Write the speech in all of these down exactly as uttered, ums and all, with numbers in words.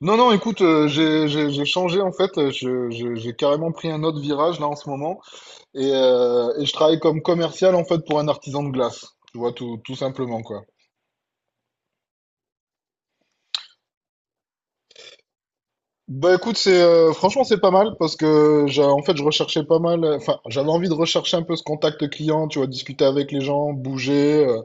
Non, non, écoute, euh, j'ai j'ai- j'ai changé en fait. euh, je- je- J'ai carrément pris un autre virage là en ce moment et, euh, et je travaille comme commercial en fait pour un artisan de glace. Tu vois, tout, tout simplement quoi. Bah écoute, c'est euh, franchement c'est pas mal parce que j'a- en fait je recherchais pas mal, euh, enfin j'avais envie de rechercher un peu ce contact client, tu vois, discuter avec les gens, bouger euh,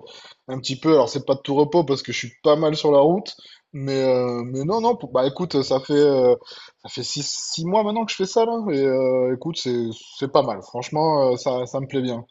un petit peu. Alors c'est pas de tout repos parce que je suis pas mal sur la route, mais euh, mais non non, pour- bah écoute, ça fait euh, ça fait six, six mois maintenant que je fais ça là et euh, écoute c'est c'est pas mal. Franchement euh, ça ça me plaît bien.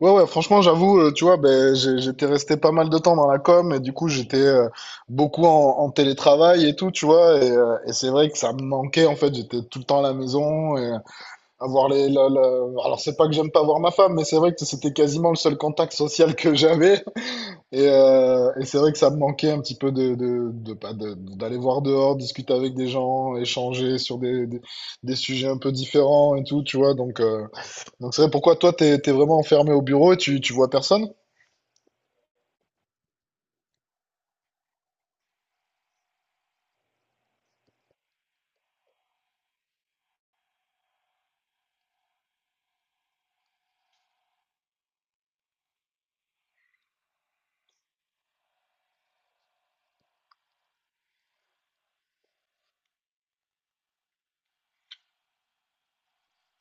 Ouais, ouais, franchement, j'avoue, euh, tu vois, ben, j'ai- j'étais resté pas mal de temps dans la com et du coup, j'étais euh, beaucoup en, en télétravail et tout, tu vois, et, euh, et c'est vrai que ça me manquait, en fait, j'étais tout le temps à la maison et avoir les, la- la- alors c'est pas que j'aime pas voir ma femme, mais c'est vrai que c'était quasiment le seul contact social que j'avais et, euh, et c'est vrai que ça me manquait un petit peu de, de, de, pas de, d'aller voir dehors, discuter avec des gens, échanger sur des, des, des sujets un peu différents et tout, tu vois, donc, euh, donc c'est vrai, pourquoi toi, t'es, t'es vraiment enfermé au bureau et tu, tu vois personne?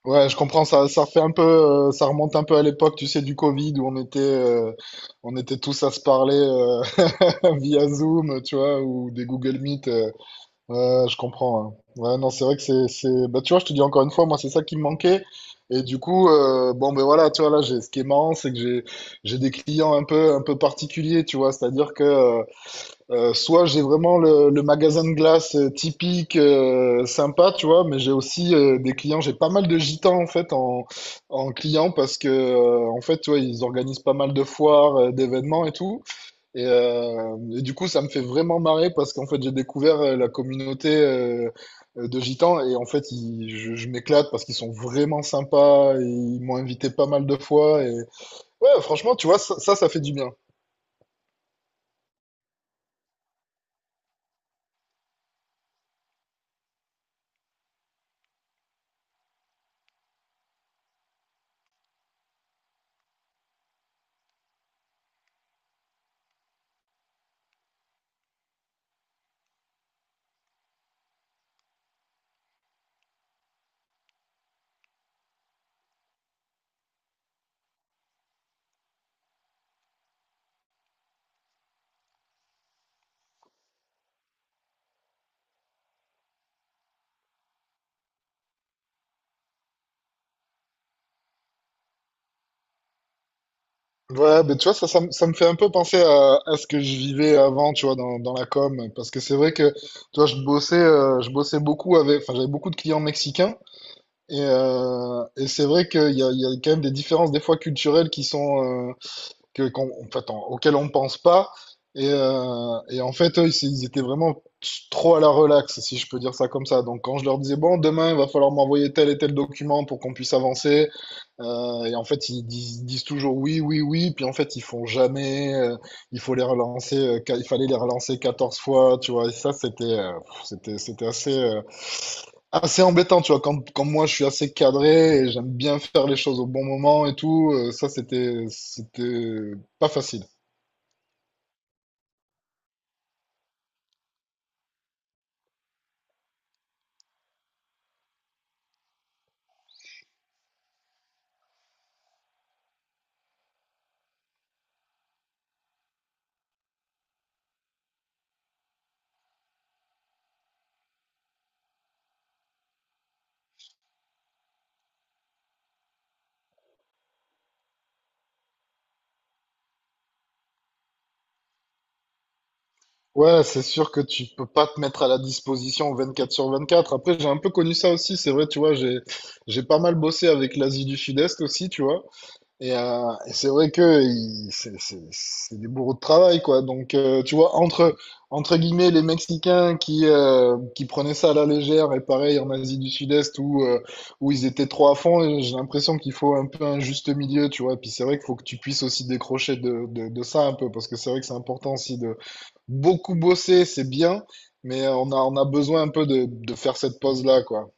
Ouais, je comprends, ça, ça fait un peu, euh, ça remonte un peu à l'époque, tu sais, du Covid, où on était, euh, on était tous à se parler euh, via Zoom, tu vois, ou des Google Meet. euh. Ouais, je comprends, hein. Ouais, non, c'est vrai que c'est, c'est... bah, tu vois, je te dis encore une fois, moi, c'est ça qui me manquait. Et du coup, euh, bon, ben voilà, tu vois, là, j'ai, ce qui est marrant, c'est que j'ai, j'ai des clients un peu, un peu particuliers, tu vois, c'est-à-dire que euh, Euh, soit j'ai vraiment le, le magasin de glace euh, typique, euh, sympa, tu vois, mais j'ai aussi euh, des clients, j'ai pas mal de gitans en fait en, en clients parce que euh, en fait, tu vois, ils organisent pas mal de foires, euh, d'événements et tout. Et, euh, et du coup, ça me fait vraiment marrer parce qu'en fait, j'ai découvert euh, la communauté euh, euh, de gitans et en fait, ils- je, je m'éclate parce qu'ils sont vraiment sympas, et ils m'ont invité pas mal de fois et ouais, franchement, tu vois, ça, ça, ça fait du bien. Ouais, mais tu vois, ça, ça, me ça me fait un peu penser à, à ce que je vivais avant, tu vois, dans, dans la com. Parce que c'est vrai que, tu vois, je bossais, euh, je bossais beaucoup avec, enfin, j'avais beaucoup de clients mexicains. Et, euh, et c'est vrai qu'il y a, il y a quand même des différences, des fois, culturelles qui sont, euh, que, qu'on, en fait, en- auquel on ne pense pas. Et, euh, et en fait, eux, ils, s- ils étaient vraiment trop à la relaxe, si je peux dire ça comme ça. Donc, quand je leur disais, bon, demain, il va falloir m'envoyer tel et tel document pour qu'on puisse avancer, euh, et en fait, ils disent, disent toujours oui, oui, oui, puis en fait, ils font jamais, euh, il faut les relancer, euh, qu- il fallait les relancer quatorze fois, tu vois, et ça, c'était, euh, pff, c'était, c'était assez, euh, assez embêtant, tu vois, quand, quand moi je suis assez cadré et j'aime bien faire les choses au bon moment et tout, euh, ça c'était c'était pas facile. Ouais, c'est sûr que tu peux pas te mettre à la disposition vingt-quatre sur vingt-quatre. Après, j'ai un peu connu ça aussi, c'est vrai, tu vois, j'ai j'ai pas mal bossé avec l'Asie du Sud-Est aussi, tu vois. Et, euh, et c'est vrai que il- c'est c'est- c'est des bourreaux de travail, quoi. Donc, euh, tu vois, entre, entre guillemets, les Mexicains qui, euh, qui prenaient ça à la légère, et pareil en Asie du Sud-Est où, euh, où ils étaient trop à fond, et j'ai l'impression qu'il faut un peu un juste milieu, tu vois. Et puis c'est vrai qu'il faut que tu puisses aussi décrocher de, de, de ça un peu, parce que c'est vrai que c'est important aussi de beaucoup bosser, c'est bien, mais on a, on a besoin un peu de, de faire cette pause-là, quoi.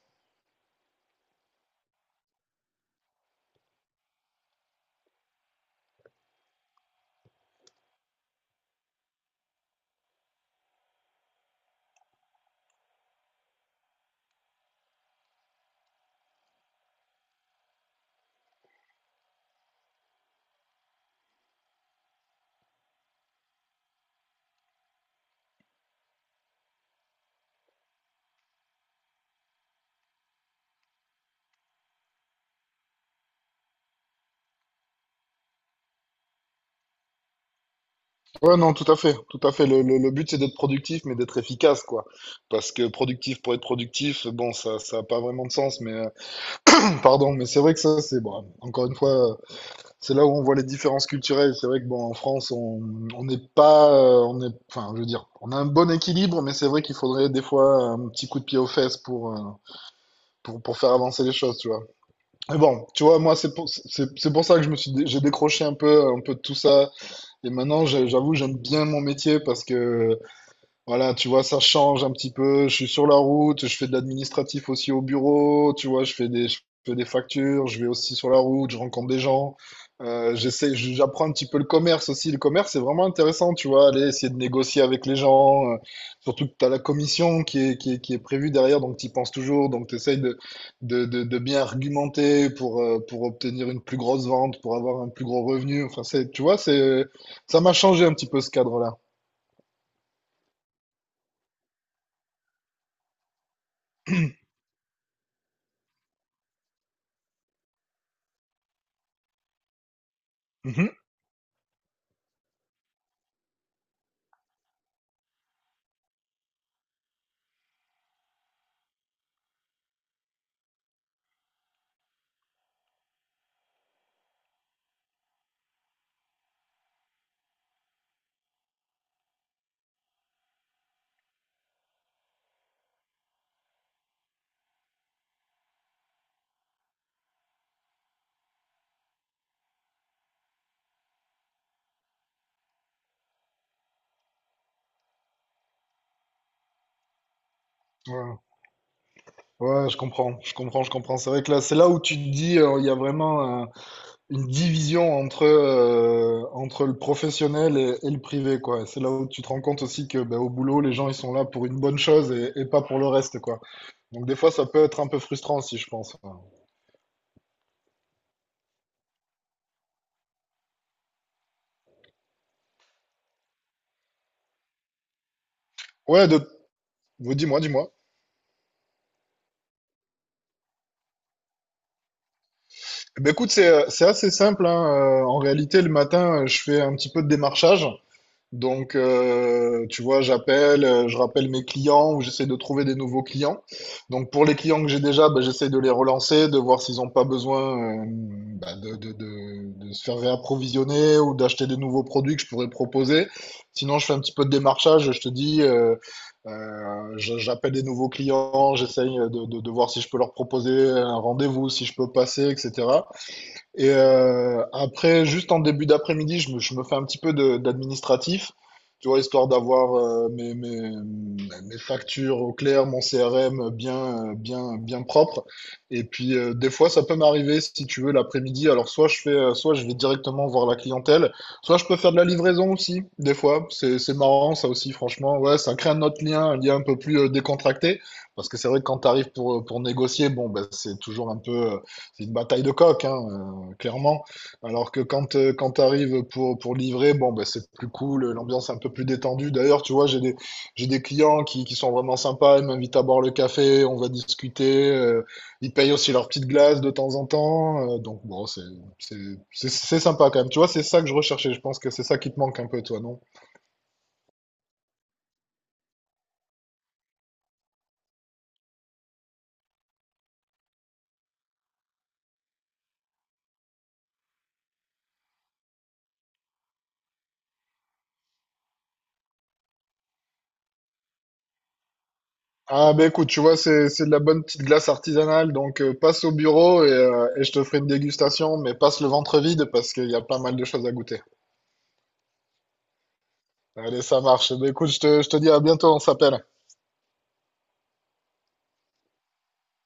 Ouais, non, tout à fait, tout à fait. Le, le, le but, c'est d'être productif, mais d'être efficace, quoi. Parce que productif pour être productif, bon, ça, ça a pas vraiment de sens, mais euh, pardon, mais c'est vrai que ça, c'est bon. Encore une fois, euh, c'est là où on voit les différences culturelles. C'est vrai que bon, en France, on, on n'est pas, euh, on est, enfin, je veux dire, on a un bon équilibre, mais c'est vrai qu'il faudrait des fois un petit coup de pied aux fesses pour, euh, pour, pour faire avancer les choses, tu vois. Mais bon, tu vois, moi, c'est pour, c'est, c'est pour ça que je me suis, dé- j'ai décroché un peu, un peu de tout ça. Et maintenant, j'ai- j'avoue, j'aime bien mon métier parce que voilà, tu vois, ça change un petit peu. Je suis sur la route, je fais de l'administratif aussi au bureau, tu vois, je fais des, je fais des factures, je vais aussi sur la route, je rencontre des gens. Euh, j'essaie, je- j'apprends un petit peu le commerce aussi. Le commerce, c'est vraiment intéressant, tu vois, aller essayer de négocier avec les gens. euh, surtout que tu as la commission qui est, qui est, qui est prévue derrière, donc tu y penses toujours. Donc tu essayes de, de, de, de bien argumenter pour, euh, pour obtenir une plus grosse vente, pour avoir un plus gros revenu. Enfin, c'est, tu vois, c'est, ça m'a changé un petit peu ce cadre-là. Mhm. Ouais. Ouais, je comprends, je comprends, je comprends. C'est vrai que là, c'est là où tu te dis, euh, il y a vraiment euh, une division entre, euh, entre le professionnel et, et le privé, quoi. Et c'est là où tu te rends compte aussi que, ben, au boulot, les gens, ils sont là pour une bonne chose et, et pas pour le reste, quoi. Donc, des fois, ça peut être un peu frustrant aussi, je pense. Ouais, de... vous, dis-moi, dis-moi. Eh ben, écoute, c'est, euh, c'est assez simple, hein. Euh, En réalité, le matin, euh, je fais un petit peu de démarchage. Donc, euh, tu vois, j'appelle, euh, je rappelle mes clients ou j'essaie de trouver des nouveaux clients. Donc, pour les clients que j'ai déjà, bah, j'essaie de les relancer, de voir s'ils n'ont pas besoin euh, bah, de, de, de, de se faire réapprovisionner ou d'acheter des nouveaux produits que je pourrais proposer. Sinon, je fais un petit peu de démarchage. Je te dis, euh, euh, je- j'appelle des nouveaux clients, j'essaye de, de, de voir si je peux leur proposer un rendez-vous, si je peux passer, et cetera. Et euh, après, juste en début d'après-midi, je me, je me fais un petit peu de- d'administratif, tu vois, histoire d'avoir euh, mes, mes, mes factures au clair, mon C R M bien, euh, bien, bien propre. Et puis, euh, des fois, ça peut m'arriver, si tu veux, l'après-midi. Alors, soit je fais, euh, soit je vais directement voir la clientèle, soit je peux faire de la livraison aussi, des fois. C'est, c'est marrant, ça aussi, franchement. Ouais, ça crée un autre lien, un lien un peu plus euh, décontracté. Parce que c'est vrai que quand tu arrives pour, pour négocier, bon, ben, c'est toujours un peu, euh, c'est une bataille de coq, hein. Euh, Clairement. Alors que quand, euh, quand tu arrives pour, pour livrer, bon, bah, c'est plus cool, l'ambiance est un peu plus détendue. D'ailleurs, tu vois, j'ai des, j'ai des clients qui, qui sont vraiment sympas, ils m'invitent à boire le café, on va discuter. euh, ils payent aussi leur petite glace de temps en temps. euh, donc, bon, c'est, c'est, c'est, c'est sympa quand même. Tu vois, c'est ça que je recherchais. Je pense que c'est ça qui te manque un peu, toi, non? Ah, bah écoute, tu vois, c'est, c'est de la bonne petite glace artisanale. Donc, euh, passe au bureau et, euh, et je te ferai une dégustation, mais passe le ventre vide parce qu'il y a pas mal de choses à goûter. Allez, ça marche. Ben, écoute, je te, je te dis à bientôt, on s'appelle.